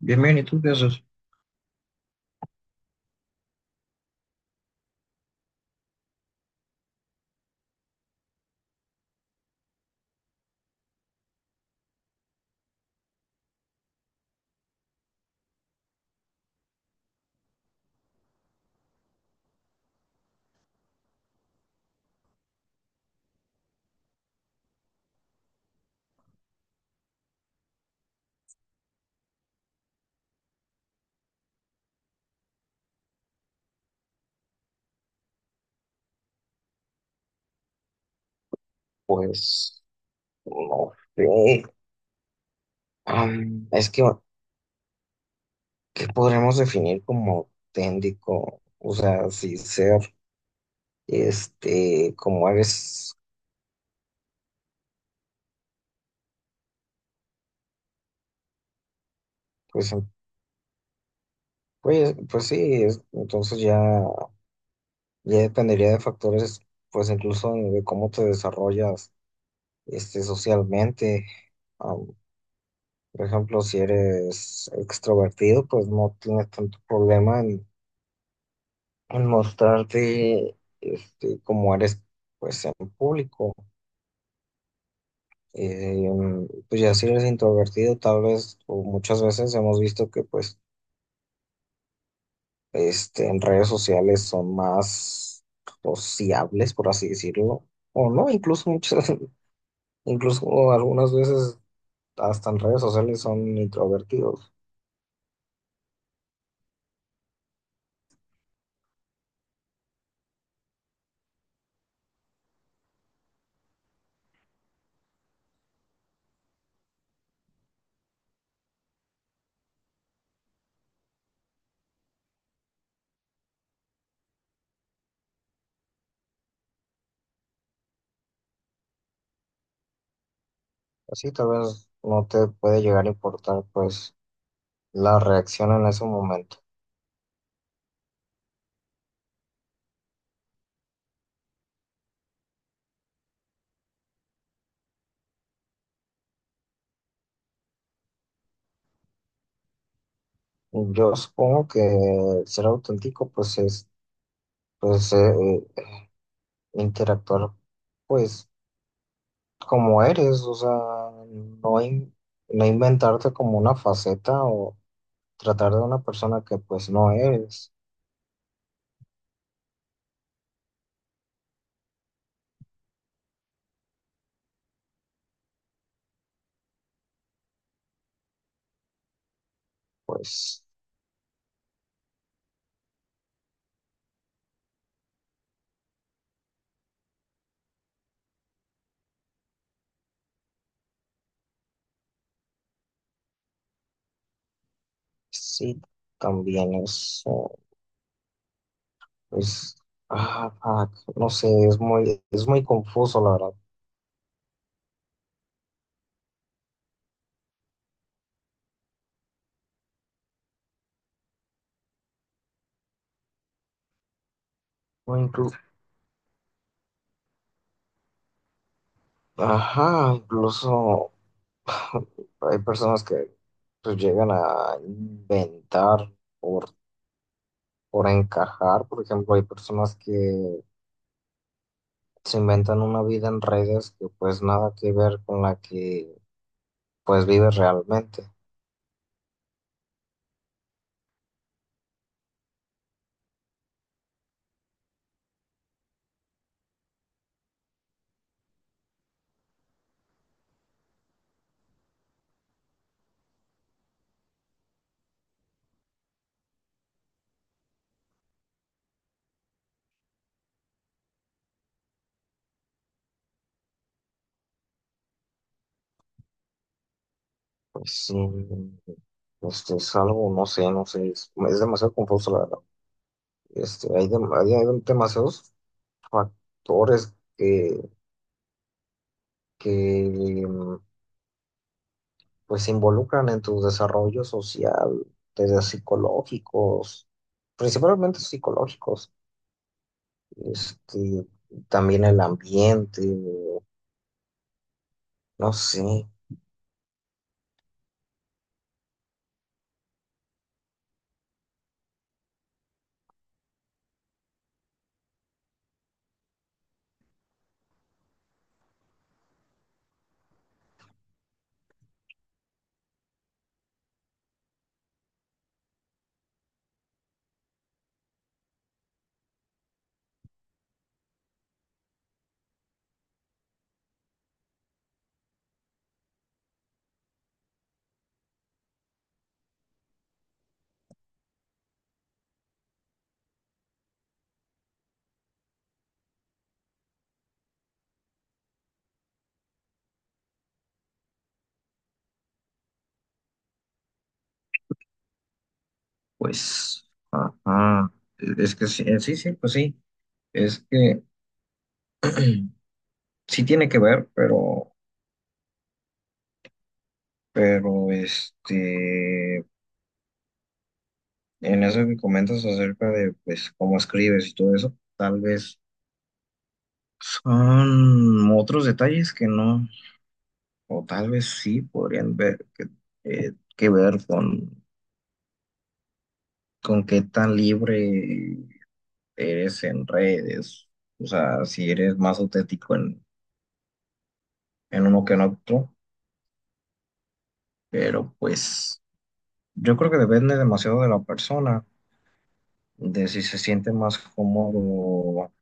Bien, bien, ¿y tú qué haces? Pues, no sé. Es que, ¿qué podremos definir como auténtico? O sea, si ser, como eres, pues, em, pues sí, entonces ya, ya dependería de factores, pues incluso de cómo te desarrollas, socialmente. Am, por ejemplo, si eres extrovertido, pues no tienes tanto problema en mostrarte como eres pues en público. Pues ya si eres introvertido, tal vez, o muchas veces hemos visto que pues en redes sociales son más sociables, por así decirlo, o no, incluso algunas veces hasta en redes sociales son introvertidos. Así tal vez no te puede llegar a importar pues la reacción en ese momento. Yo supongo que ser auténtico pues es pues eh, eh, interactuar pues como eres, o sea, no, in- no inventarte como una faceta o tratar de una persona que pues no eres, pues sí, también es, pues, ah, fuck, no sé, es muy confuso la verdad. O inclu- Ajá, incluso hay personas que pues llegan a inventar por, por encajar, por ejemplo, hay personas que se inventan una vida en redes que pues nada que ver con la que pues vives realmente. Pues sí, este es algo, no sé, no sé, es demasiado confuso la verdad. Hay demasiados factores que pues se involucran en tu desarrollo social, desde psicológicos, principalmente psicológicos, este, también el ambiente, no sé. Pues, ajá, es que sí, sí, sí, pues sí, es que sí tiene que ver, pero, pero en eso que comentas acerca de, pues, cómo escribes y todo eso, tal vez son otros detalles que no, o tal vez sí podrían ver, que ver con qué tan libre eres en redes, o sea, si eres más auténtico en uno que en otro, pero pues... Yo creo que depende demasiado de la persona, de si se siente más cómodo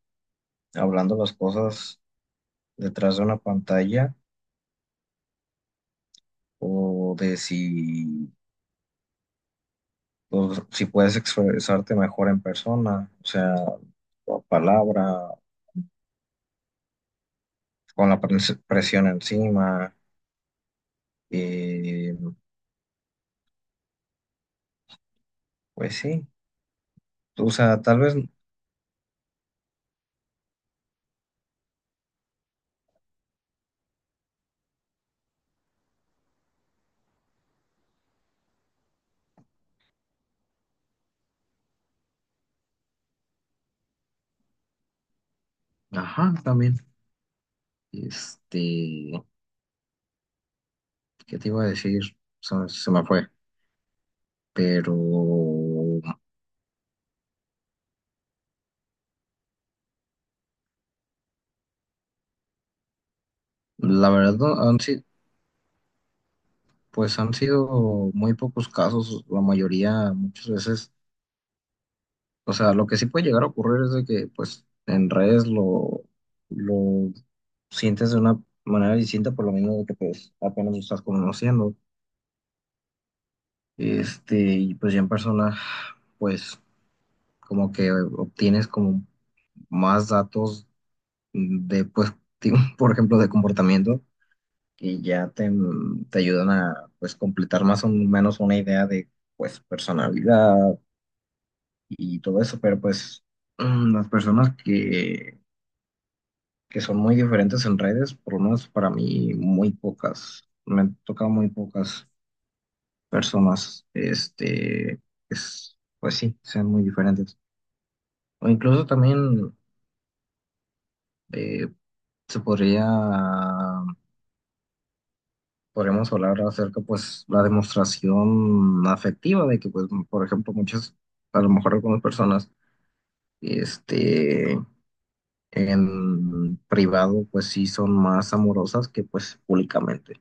hablando las cosas detrás de una pantalla o de si, o si puedes expresarte mejor en persona, o sea, por palabra, con la presión encima, eh, pues sí, o sea, tal vez, ajá, también, este, ¿qué te iba a decir? Se me fue, pero... La verdad, no, han si- pues han sido muy pocos casos, la mayoría muchas veces, o sea, lo que sí puede llegar a ocurrir es de que pues en redes lo sientes de una manera distinta por lo mismo de que pues apenas lo estás conociendo, y pues ya en persona pues como que obtienes como más datos de pues, por ejemplo, de comportamiento y ya te ayudan a pues completar más o menos una idea de pues personalidad y todo eso, pero pues las personas que son muy diferentes en redes, por lo menos para mí, muy pocas, me han tocado muy pocas personas, es, pues sí, sean muy diferentes. O incluso también eh, se podría, podríamos hablar acerca, pues, la demostración afectiva de que, pues, por ejemplo, a lo mejor algunas personas, este en privado pues sí son más amorosas que pues públicamente.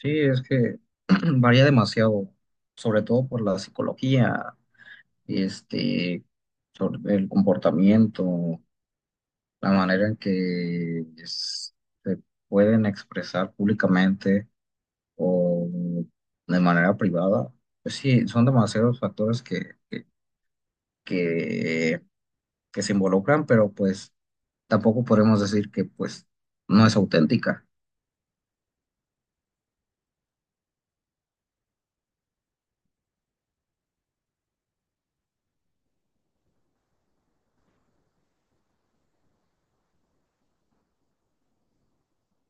Sí, es que varía demasiado, sobre todo por la psicología, este, sobre el comportamiento, la manera en que se pueden expresar públicamente o de manera privada. Pues sí, son demasiados factores que que se involucran, pero pues tampoco podemos decir que pues no es auténtica.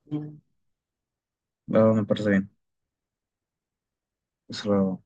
No, me parece bien. Eso lo,